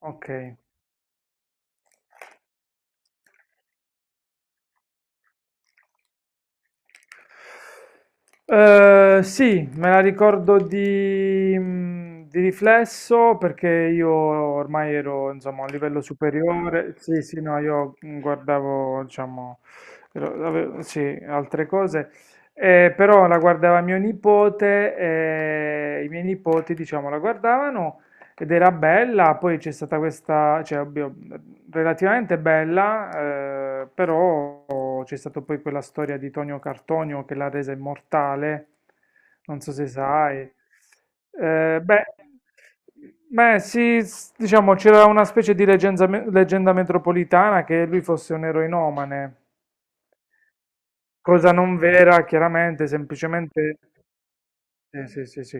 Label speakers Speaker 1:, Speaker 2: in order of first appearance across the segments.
Speaker 1: Ok. Sì, me la ricordo di, di riflesso perché io ormai ero, insomma, a un livello superiore. Sì, sì, no, io guardavo, diciamo, sì, altre cose. Però la guardava mio nipote e i miei nipoti, diciamo, la guardavano. Ed era bella, poi c'è stata questa, cioè, ovvio, relativamente bella, però c'è stata poi quella storia di Tonio Cartonio che l'ha resa immortale, non so se sai. Beh, beh, sì, diciamo c'era una specie di leggenda metropolitana che lui fosse un eroinomane, cosa non vera, chiaramente, semplicemente. Sì, sì, sì, sì,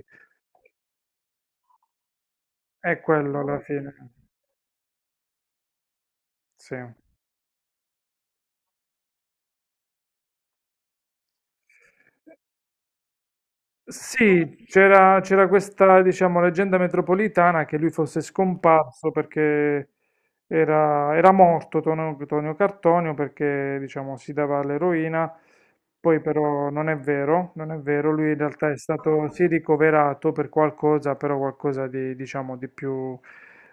Speaker 1: è quello alla fine, sì. Sì, c'era questa, diciamo, leggenda metropolitana che lui fosse scomparso perché era morto Tonio Cartonio perché, diciamo, si dava all'eroina, poi però non è vero, non è vero, lui in realtà è stato, sì, ricoverato per qualcosa, però qualcosa di, diciamo, di più,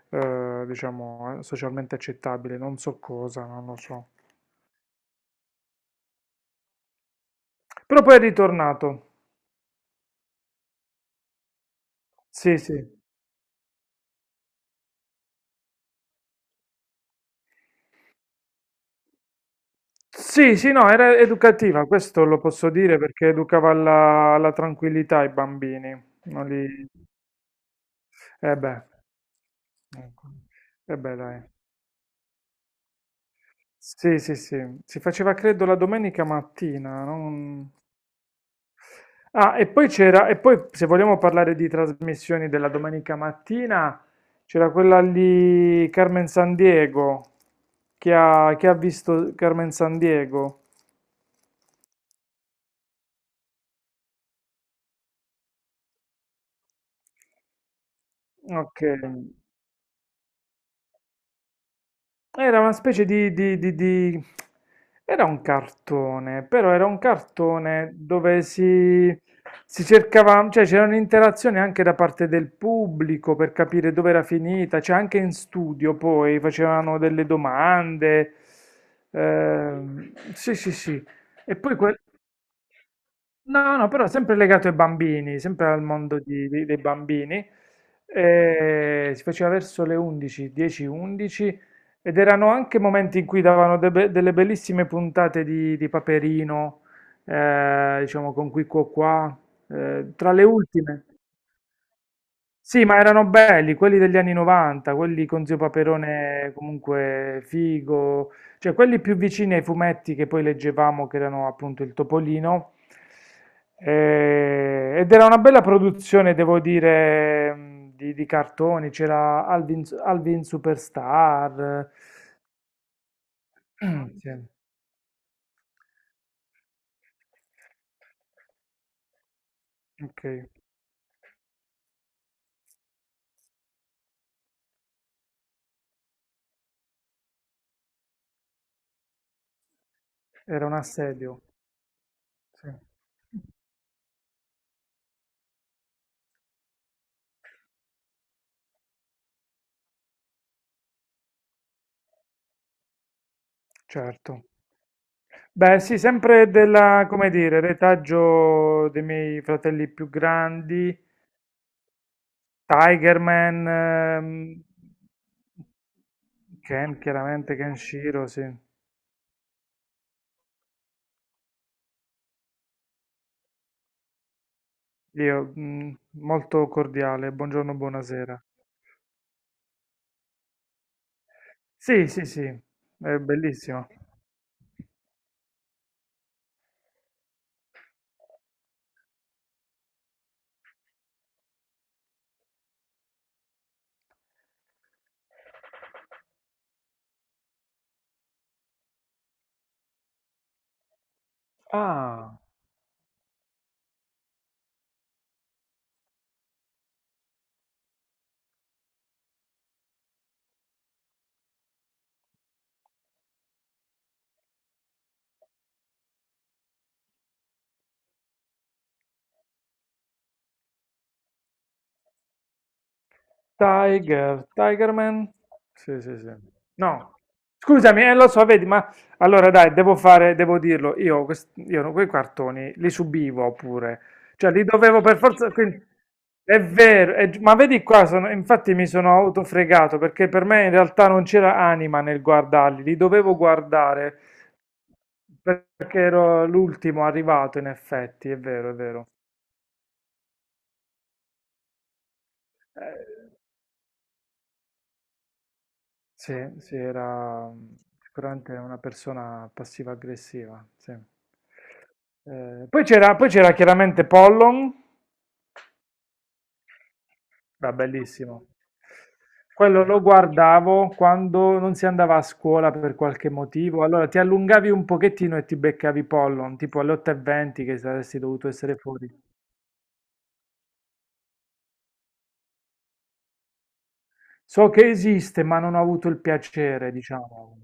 Speaker 1: diciamo, socialmente accettabile, non so cosa, non lo so. Però poi è ritornato, sì, sì. Sì, sì, no, era educativa, questo lo posso dire perché educava alla tranquillità i bambini. Non li. Eh beh, ecco. Eh beh, dai. Sì, sì, sì. Si faceva credo la domenica mattina. Ah, e poi se vogliamo parlare di trasmissioni della domenica mattina, c'era quella lì Carmen San Diego. Chi ha visto Carmen San Diego? Ok. Era una specie di- Era un cartone, però era un cartone dove si cercava, cioè c'era un'interazione anche da parte del pubblico per capire dove era finita, cioè anche in studio poi facevano delle domande. Sì, sì, sì. E poi quel. No, no, però sempre legato ai bambini, sempre al mondo dei bambini. Si faceva verso le 11, 10, 11 ed erano anche momenti in cui davano delle bellissime puntate di Paperino, diciamo con Qui Quo Qua, tra le ultime. Sì, ma erano belli, quelli degli anni 90, quelli con Zio Paperone comunque figo, cioè quelli più vicini ai fumetti che poi leggevamo, che erano appunto il Topolino. Ed era una bella produzione, devo dire, di cartoni, c'era Alvin, Alvin Superstar. Eh, sì. Ok, era un assedio, sì. Certo. Beh, sì, sempre della, come dire, retaggio dei miei fratelli più grandi, Tiger Man, Ken, chiaramente Kenshiro, sì. Io, molto cordiale, buongiorno, buonasera. Sì, sì, sì, è bellissimo. Ah, Tiger, Tigerman? Sì, sì, sì. No, scusami, lo so, vedi, ma allora dai, devo fare, devo dirlo, io, io no, quei cartoni li subivo pure, cioè li dovevo per forza. È vero, ma vedi qua, infatti mi sono autofregato perché per me in realtà non c'era anima nel guardarli, li dovevo guardare perché ero l'ultimo arrivato, in effetti, è vero, è vero. Eh, Sì, sì, era sicuramente una persona passiva-aggressiva, sì. Poi c'era chiaramente Pollon, era bellissimo. Quello lo guardavo quando non si andava a scuola per qualche motivo, allora ti allungavi un pochettino e ti beccavi Pollon, tipo alle 8:20 che saresti dovuto essere fuori. So che esiste, ma non ho avuto il piacere, diciamo.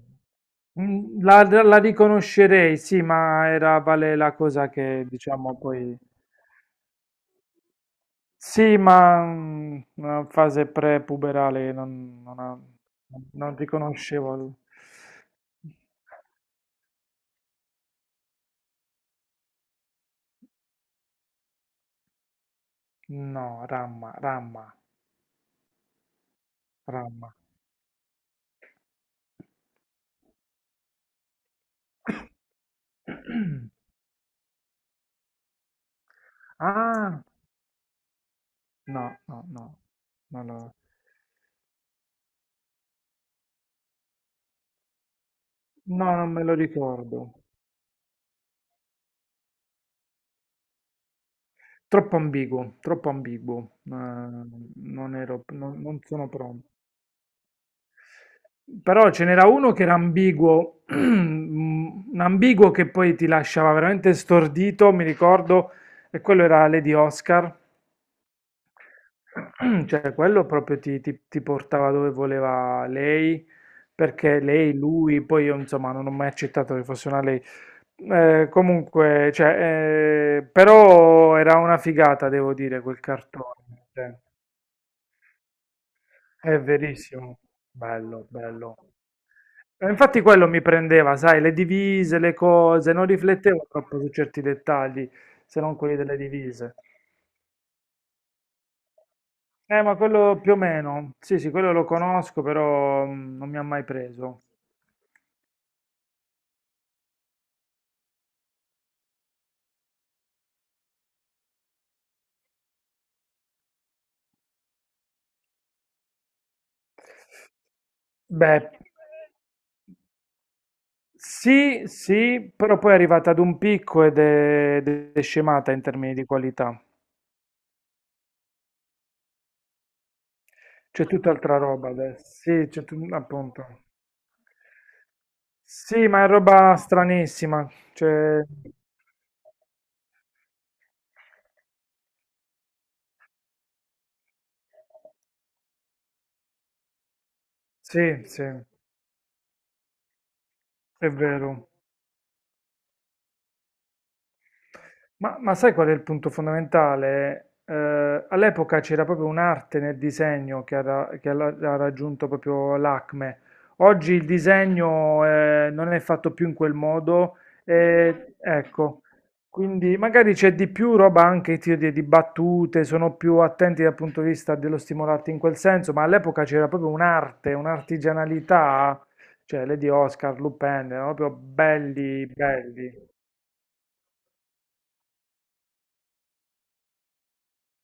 Speaker 1: La riconoscerei, sì, ma era vale la cosa che, diciamo, poi. Sì, ma una fase pre-puberale non riconoscevo. No, ramma, ramma, ramma. Ah, no, no, no, non lo- no, non me lo ricordo. Troppo ambiguo, troppo ambiguo. Non ero, non sono pronto. Però ce n'era uno che era ambiguo, un ambiguo che poi ti lasciava veramente stordito, mi ricordo, e quello era Lady Oscar, cioè quello proprio ti portava dove voleva lei, perché lei, lui, poi io insomma non ho mai accettato che fosse una lei. Comunque, cioè, però era una figata, devo dire, quel cartone. Cioè, è verissimo, bello, bello. E infatti quello mi prendeva, sai, le divise, le cose, non riflettevo troppo su certi dettagli, se non quelli delle divise. Ma quello più o meno, sì, sì, quello lo conosco, però non mi ha mai preso. Beh, sì, sì, però poi è arrivata ad un picco ed è scemata in termini di qualità. C'è tutt'altra roba adesso, sì, appunto. Sì, ma è roba stranissima, cioè, sì, sì, è vero. Ma sai qual è il punto fondamentale? All'epoca c'era proprio un'arte nel disegno che ha raggiunto proprio l'acme. Oggi il disegno non è fatto più in quel modo, ecco, quindi magari c'è di più roba anche tiro di battute, sono più attenti dal punto di vista dello stimolarti in quel senso, ma all'epoca c'era proprio un'arte, un'artigianalità, cioè Lady Oscar, Lupin, erano proprio belli, belli,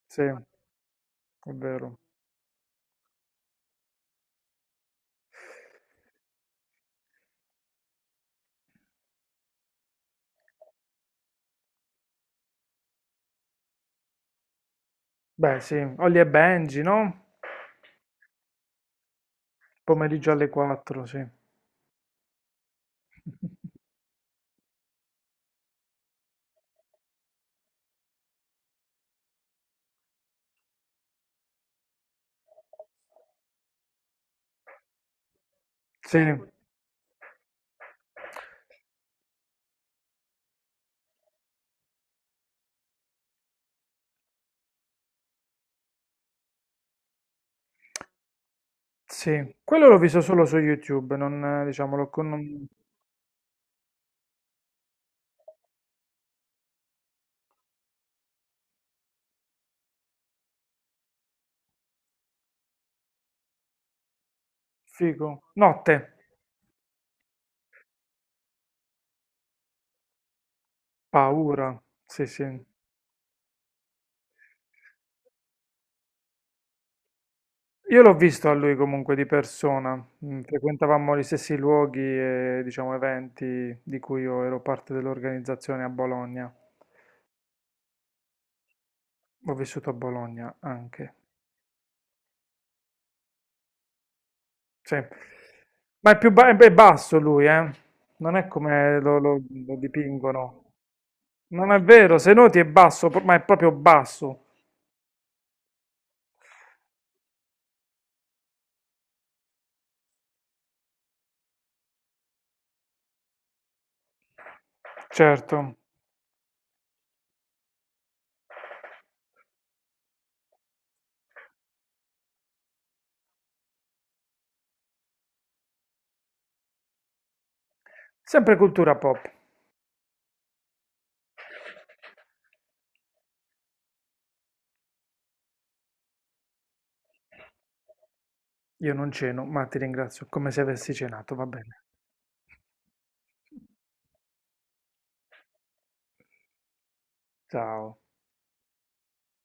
Speaker 1: sì, è vero. Beh, sì, Holly e Benji, no? Pomeriggio alle 4, sì. Sì, sì. Quello l'ho visto solo su YouTube, non, diciamo, l'ho con. Figo. Notte, paura, sì, sì. Io l'ho visto a lui comunque di persona, frequentavamo gli stessi luoghi e, diciamo, eventi di cui io ero parte dell'organizzazione a Bologna. Ho vissuto a Bologna anche, sì. Ma è è basso lui, eh? Non è come lo dipingono. Non è vero, se noti è basso, ma è proprio basso. Certo. Sempre cultura pop. Io non ceno, ma ti ringrazio, come se avessi cenato, va bene. Ciao.